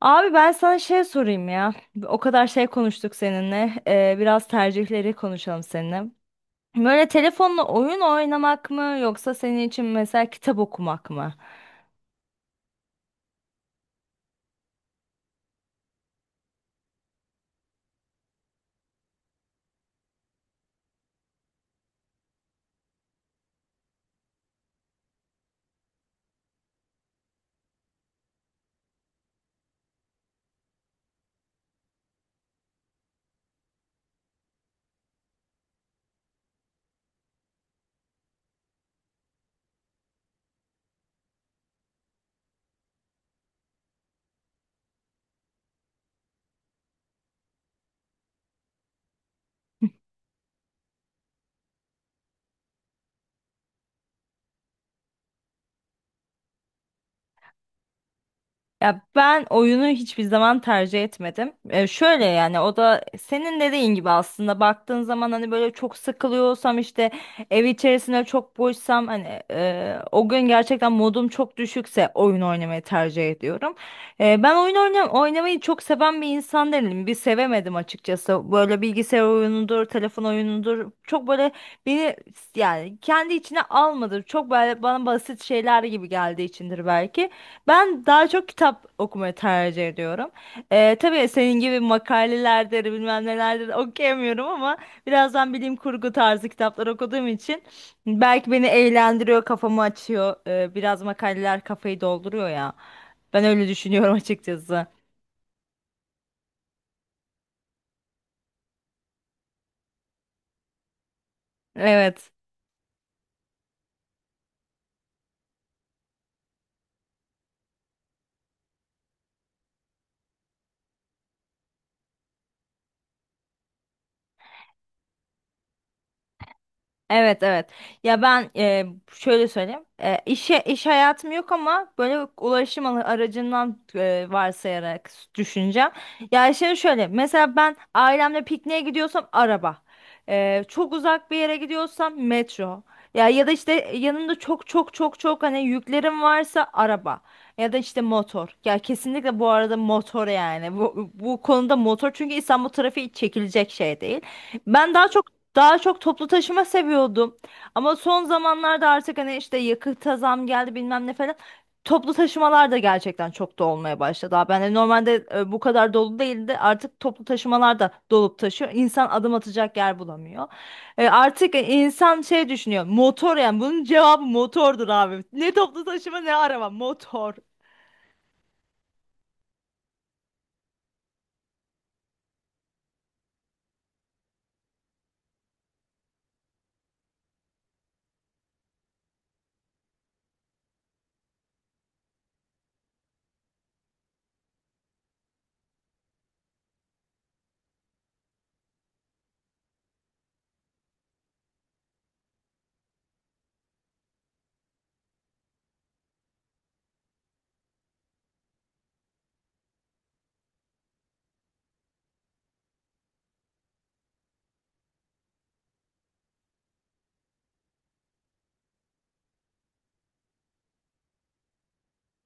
Abi ben sana şey sorayım ya. O kadar şey konuştuk seninle. Biraz tercihleri konuşalım seninle. Böyle telefonla oyun oynamak mı yoksa senin için mesela kitap okumak mı? Ya ben oyunu hiçbir zaman tercih etmedim. Şöyle yani o da senin dediğin gibi aslında baktığın zaman hani böyle çok sıkılıyorsam işte ev içerisinde çok boşsam hani o gün gerçekten modum çok düşükse oyun oynamayı tercih ediyorum. Ben oyun oynam oynamayı çok seven bir insan değilim. Bir sevemedim açıkçası. Böyle bilgisayar oyunudur, telefon oyunudur. Çok böyle beni yani kendi içine almadı. Çok böyle bana basit şeyler gibi geldiği içindir belki. Ben daha çok kitap okumayı tercih ediyorum. Tabii senin gibi makalelerdir, bilmem nelerdir okuyamıyorum ama birazdan bilim kurgu tarzı kitaplar okuduğum için belki beni eğlendiriyor, kafamı açıyor. Biraz makaleler kafayı dolduruyor ya. Ben öyle düşünüyorum açıkçası. Evet. Evet, evet. Ya ben şöyle söyleyeyim. İşe iş hayatım yok ama böyle ulaşım aracından varsayarak düşüneceğim. Ya şimdi şöyle mesela ben ailemle pikniğe gidiyorsam araba. Çok uzak bir yere gidiyorsam metro. Ya ya da işte yanımda çok çok çok çok hani yüklerim varsa araba ya da işte motor. Ya kesinlikle bu arada motor yani. Bu konuda motor çünkü İstanbul trafiği çekilecek şey değil. Ben daha çok daha çok toplu taşıma seviyordum. Ama son zamanlarda artık hani işte yakıta zam geldi bilmem ne falan. Toplu taşımalar da gerçekten çok da olmaya başladı. Abi. Yani normalde bu kadar dolu değildi. Artık toplu taşımalar da dolup taşıyor. İnsan adım atacak yer bulamıyor. Artık insan şey düşünüyor. Motor yani bunun cevabı motordur abi. Ne toplu taşıma ne araba motor.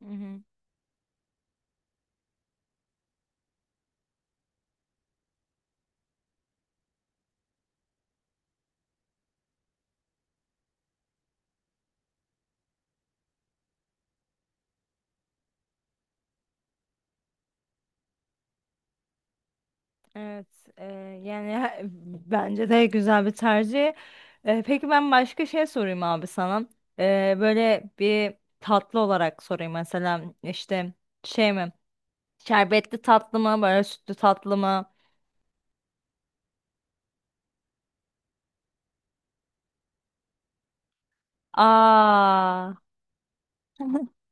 Hı hı. Evet, e, yani bence de güzel bir tercih. Peki ben başka şey sorayım abi sana. Böyle bir tatlı olarak sorayım mesela işte şey mi? Şerbetli tatlı mı? Böyle sütlü tatlı mı? Aa.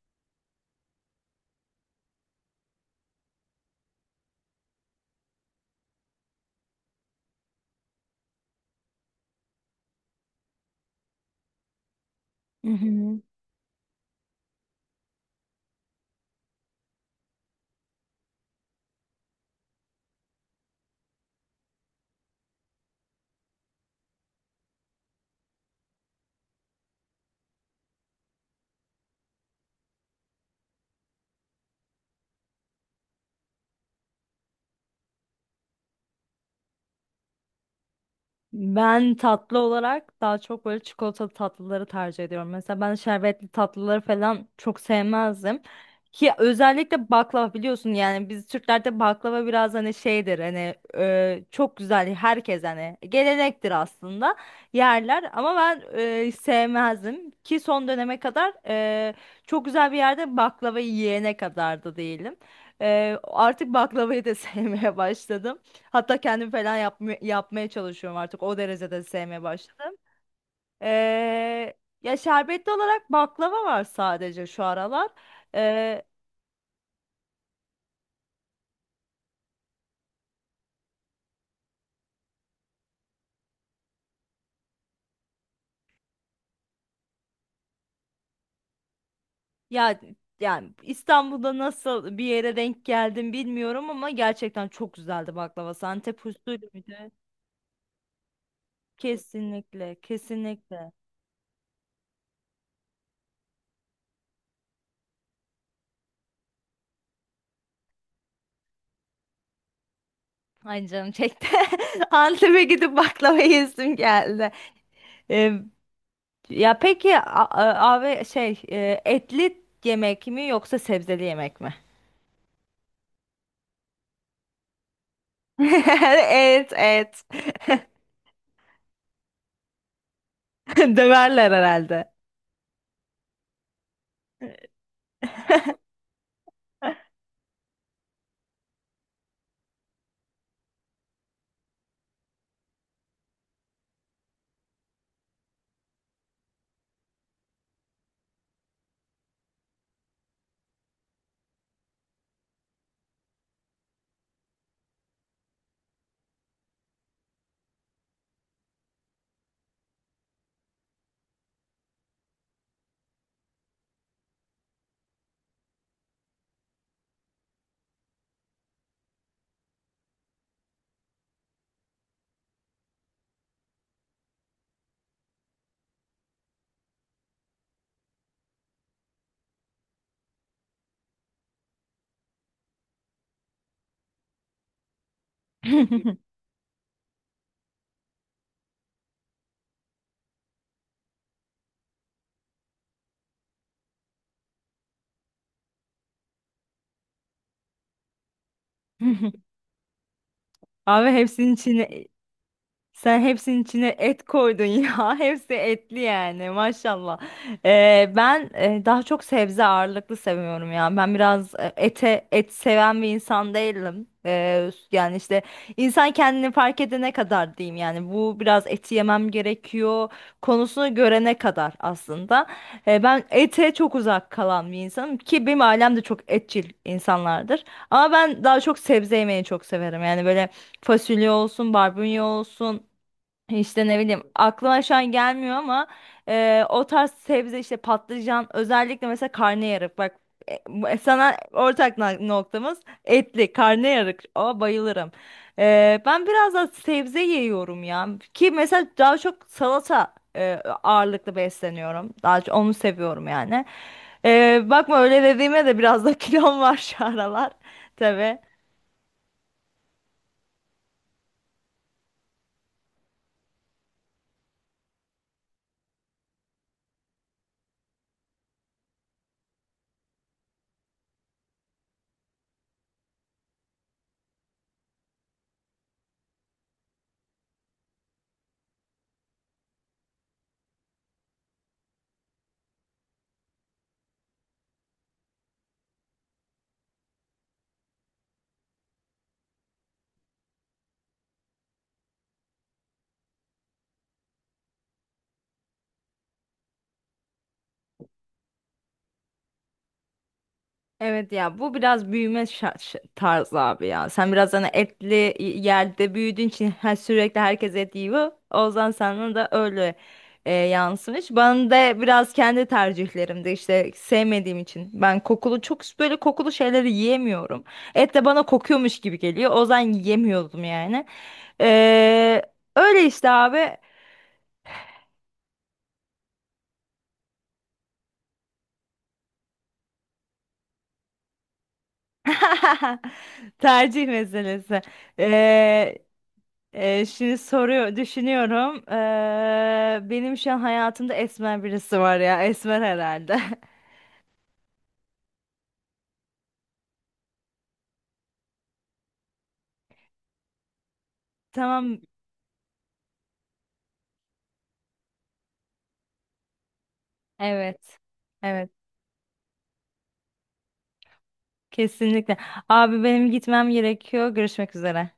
Hı hı. Ben tatlı olarak daha çok böyle çikolatalı tatlıları tercih ediyorum. Mesela ben şerbetli tatlıları falan çok sevmezdim. Ki özellikle baklava biliyorsun yani biz Türklerde baklava biraz hani şeydir hani çok güzel herkes hani gelenektir aslında yerler ama ben sevmezdim ki son döneme kadar çok güzel bir yerde baklava yiyene kadar da değilim. Artık baklavayı da sevmeye başladım. Hatta kendim falan yapmaya çalışıyorum artık. O derecede sevmeye başladım. Ee, Ya şerbetli olarak baklava var sadece şu aralar. Ee, Ya yani İstanbul'da nasıl bir yere denk geldim bilmiyorum ama gerçekten çok güzeldi baklavası. Antep usulü müydü? Kesinlikle, kesinlikle. Ay canım çekti. Antep'e gidip baklava yesim geldi. Ee, Ya peki abi şey etli yemek mi yoksa sebzeli yemek mi? Evet, evet. Döverler herhalde. Abi hepsinin içine sen hepsinin içine et koydun ya. Hepsi etli yani maşallah. Ben daha çok sebze ağırlıklı seviyorum ya. Ben biraz e, ete et seven bir insan değilim. Yani işte insan kendini fark edene kadar diyeyim yani bu biraz eti yemem gerekiyor konusunu görene kadar aslında. Ben ete çok uzak kalan bir insanım ki benim ailem de çok etçil insanlardır. Ama ben daha çok sebze yemeyi çok severim. Yani böyle fasulye olsun, barbunya olsun. İşte ne bileyim aklıma şu an gelmiyor ama o tarz sebze işte patlıcan özellikle mesela karnıyarık bak, sana ortak noktamız etli karnıyarık, o bayılırım. Ben biraz da sebze yiyorum ya ki mesela daha çok salata ağırlıklı besleniyorum, daha çok onu seviyorum yani. Bakma öyle dediğime de biraz da kilom var şu aralar tabii. Evet ya bu biraz büyüme tarzı abi ya. Sen biraz hani etli yerde büyüdüğün için her sürekli herkes et yiyor. O yüzden sana da öyle yansımış. Ben de biraz kendi tercihlerimde işte sevmediğim için. Ben kokulu çok böyle kokulu şeyleri yiyemiyorum. Et de bana kokuyormuş gibi geliyor. O yüzden yiyemiyordum yani. Ee, Öyle işte abi. Tercih meselesi. E, Şimdi soruyor, düşünüyorum. Benim şu an hayatımda esmer birisi var ya. Esmer herhalde. Tamam. Evet. Evet. Kesinlikle. Abi benim gitmem gerekiyor. Görüşmek üzere.